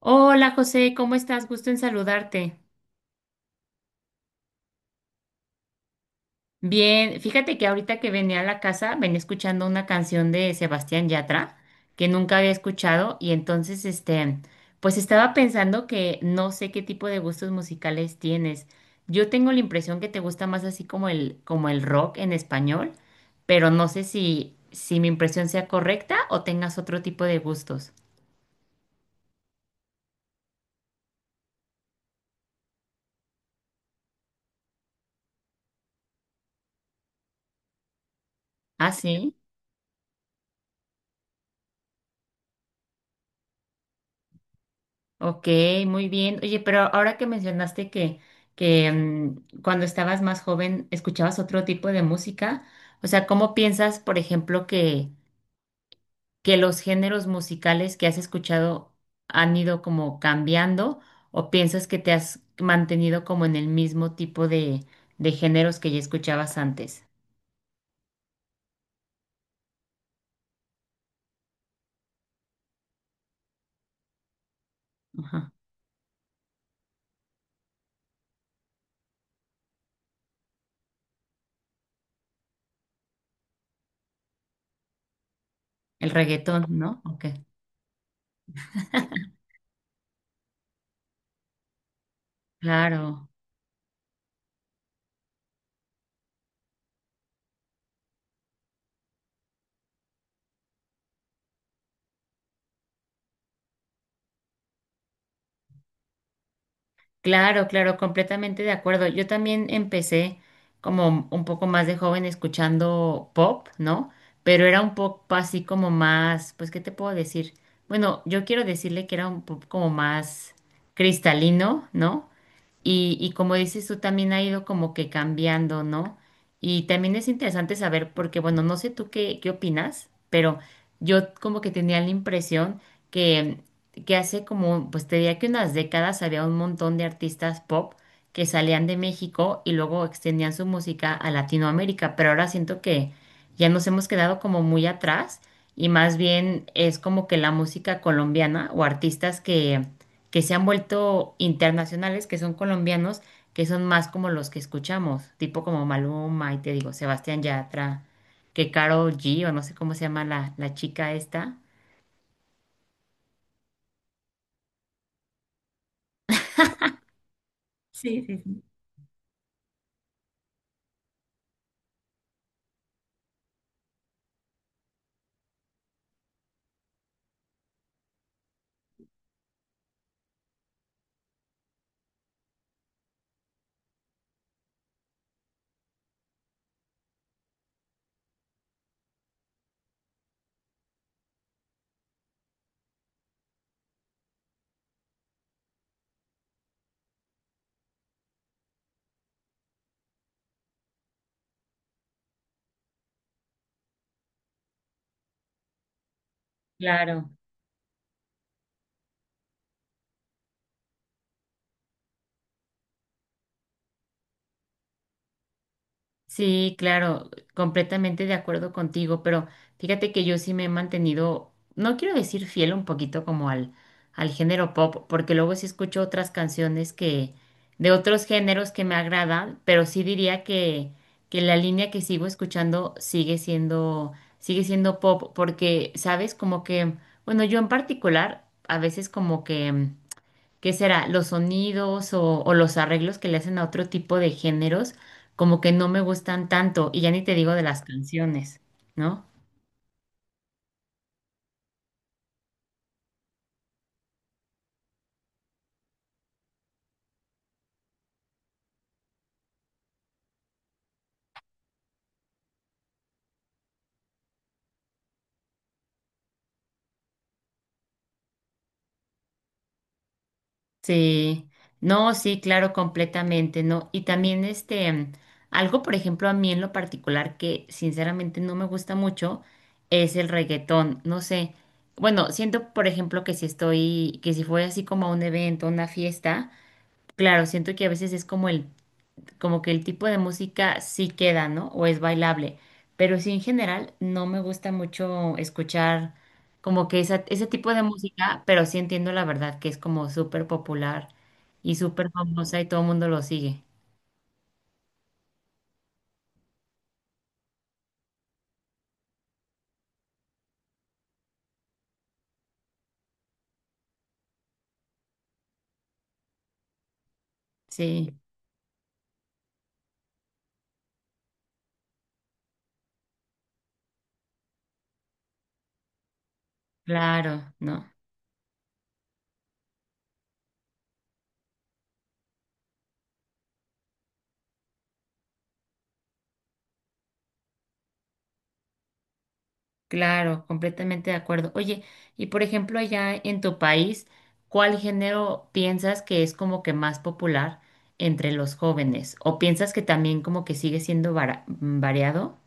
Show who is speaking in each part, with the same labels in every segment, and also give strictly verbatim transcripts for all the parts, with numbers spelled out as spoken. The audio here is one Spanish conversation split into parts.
Speaker 1: Hola José, ¿cómo estás? Gusto en saludarte. Bien, fíjate que ahorita que venía a la casa venía escuchando una canción de Sebastián Yatra que nunca había escuchado y entonces este, pues estaba pensando que no sé qué tipo de gustos musicales tienes. Yo tengo la impresión que te gusta más así como el como el rock en español, pero no sé si si mi impresión sea correcta o tengas otro tipo de gustos. ¿Ah, sí? Ok, muy bien. Oye, pero ahora que mencionaste que, que mm, cuando estabas más joven escuchabas otro tipo de música, o sea, ¿cómo piensas, por ejemplo, que, que los géneros musicales que has escuchado han ido como cambiando o piensas que te has mantenido como en el mismo tipo de, de géneros que ya escuchabas antes? Ajá. El reggaetón, ¿no? Ok, claro. Claro, claro, completamente de acuerdo. Yo también empecé como un poco más de joven escuchando pop, ¿no? Pero era un pop así como más, pues, ¿qué te puedo decir? Bueno, yo quiero decirle que era un pop como más cristalino, ¿no? Y, y como dices tú, también ha ido como que cambiando, ¿no? Y también es interesante saber, porque bueno, no sé tú qué, qué opinas, pero yo como que tenía la impresión que, que hace como, pues te diría que unas décadas había un montón de artistas pop que salían de México y luego extendían su música a Latinoamérica, pero ahora siento que ya nos hemos quedado como muy atrás y más bien es como que la música colombiana o artistas que que se han vuelto internacionales, que son colombianos, que son más como los que escuchamos, tipo como Maluma y te digo, Sebastián Yatra, que Karol G o no sé cómo se llama la, la chica esta. Sí, sí, sí. Claro. Sí, claro, completamente de acuerdo contigo, pero fíjate que yo sí me he mantenido, no quiero decir fiel un poquito como al, al género pop, porque luego sí escucho otras canciones que, de otros géneros que me agradan, pero sí diría que, que la línea que sigo escuchando sigue siendo, sigue siendo pop, porque, sabes, como que, bueno, yo en particular, a veces como que ¿qué será? Los sonidos o, o los arreglos que le hacen a otro tipo de géneros, como que no me gustan tanto, y ya ni te digo de las canciones, ¿no? Sí, no, sí, claro, completamente, ¿no? Y también este, algo, por ejemplo, a mí en lo particular que sinceramente no me gusta mucho es el reggaetón, no sé. Bueno, siento, por ejemplo, que si estoy, que si fue así como a un evento, a una fiesta, claro, siento que a veces es como el como que el tipo de música sí queda, ¿no? O es bailable. Pero sí, en general, no me gusta mucho escuchar como que esa- ese tipo de música, pero sí entiendo la verdad que es como súper popular y súper famosa y todo el mundo lo sigue. Sí, claro, ¿no? Claro, completamente de acuerdo. Oye, y por ejemplo, allá en tu país, ¿cuál género piensas que es como que más popular entre los jóvenes? ¿O piensas que también como que sigue siendo vara- variado?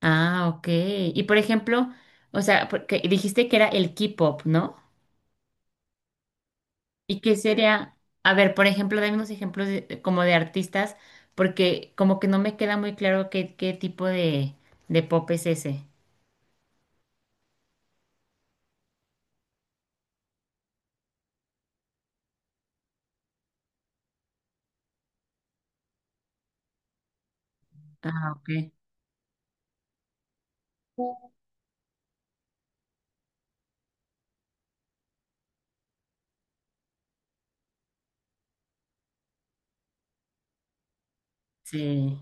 Speaker 1: Ah, ok. Y por ejemplo, o sea, porque dijiste que era el K-pop, ¿no? ¿Y qué sería? A ver, por ejemplo, dame unos ejemplos de- como de artistas, porque como que no me queda muy claro qué, qué tipo de, de pop es ese. Ah, ok. Sí.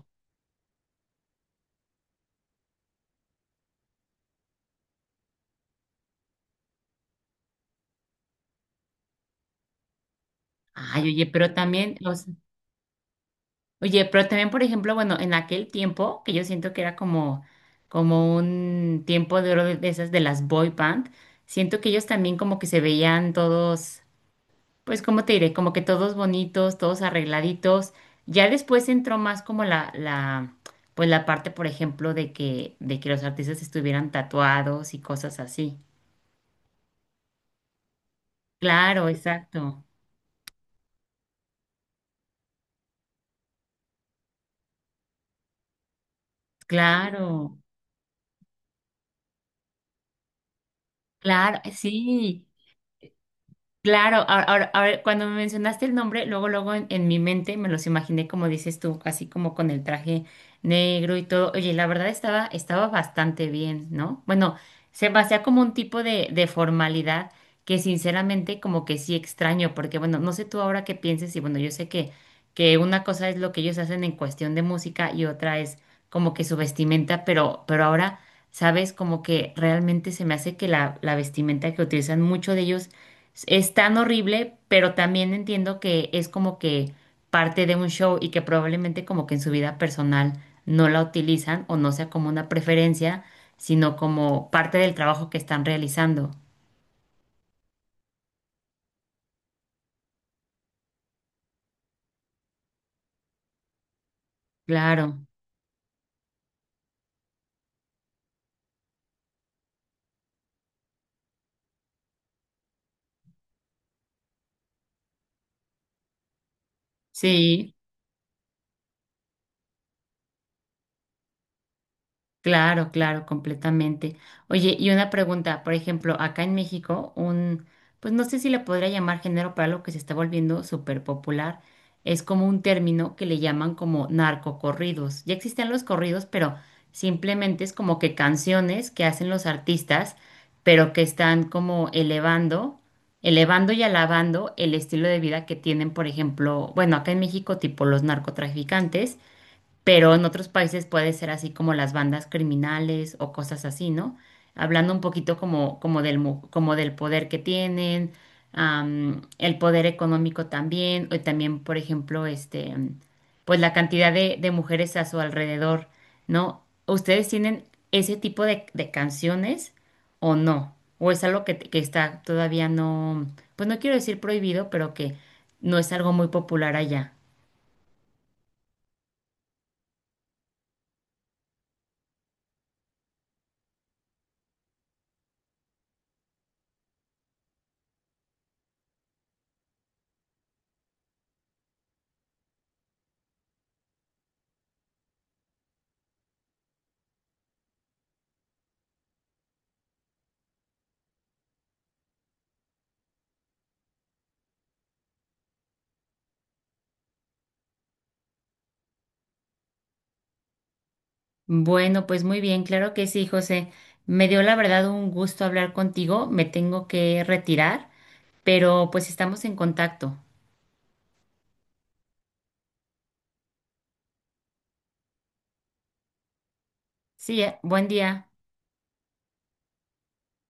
Speaker 1: Ay, oye, pero también, o sea, oye, pero también, por ejemplo, bueno, en aquel tiempo, que yo siento que era como, como un tiempo de oro de de esas de las boy band, siento que ellos también como que se veían todos. Pues, como te diré? Como que todos bonitos, todos arregladitos. Ya después entró más como la, la, pues la parte, por ejemplo, de que, de que los artistas estuvieran tatuados y cosas así. Claro, exacto. Claro, claro, eh, sí. Claro, ahora, ahora- ahora, cuando me mencionaste el nombre, luego, luego en, en mi mente me los imaginé como dices tú, así como con el traje negro y todo. Oye, la verdad estaba, estaba bastante bien, ¿no? Bueno, se me hacía como un tipo de, de formalidad que sinceramente como que sí extraño, porque bueno, no sé tú ahora qué pienses y bueno, yo sé que, que una cosa es lo que ellos hacen en cuestión de música y otra es como que su vestimenta, pero, pero ahora, ¿sabes? Como que realmente se me hace que la, la vestimenta que utilizan mucho de ellos es tan horrible, pero también entiendo que es como que parte de un show y que probablemente como que en su vida personal no la utilizan o no sea como una preferencia, sino como parte del trabajo que están realizando. Claro, sí. Claro, claro, completamente. Oye, y una pregunta, por ejemplo, acá en México, un, pues no sé si le podría llamar género para algo que se está volviendo súper popular, es como un término que le llaman como narcocorridos. Ya existen los corridos, pero simplemente es como que canciones que hacen los artistas, pero que están como elevando, elevando y alabando el estilo de vida que tienen, por ejemplo, bueno, acá en México, tipo los narcotraficantes, pero en otros países puede ser así como las bandas criminales o cosas así, ¿no? Hablando un poquito como, como del, mu- como del poder que tienen, am, el poder económico también, y también, por ejemplo, este, am, pues la cantidad de, de mujeres a su alrededor, ¿no? ¿Ustedes tienen ese tipo de, de canciones o no? ¿O es algo que, que está todavía no, pues no quiero decir prohibido, pero que no es algo muy popular allá? Bueno, pues muy bien, claro que sí, José. Me dio la verdad un gusto hablar contigo. Me tengo que retirar, pero pues estamos en contacto. Sí, eh, buen día.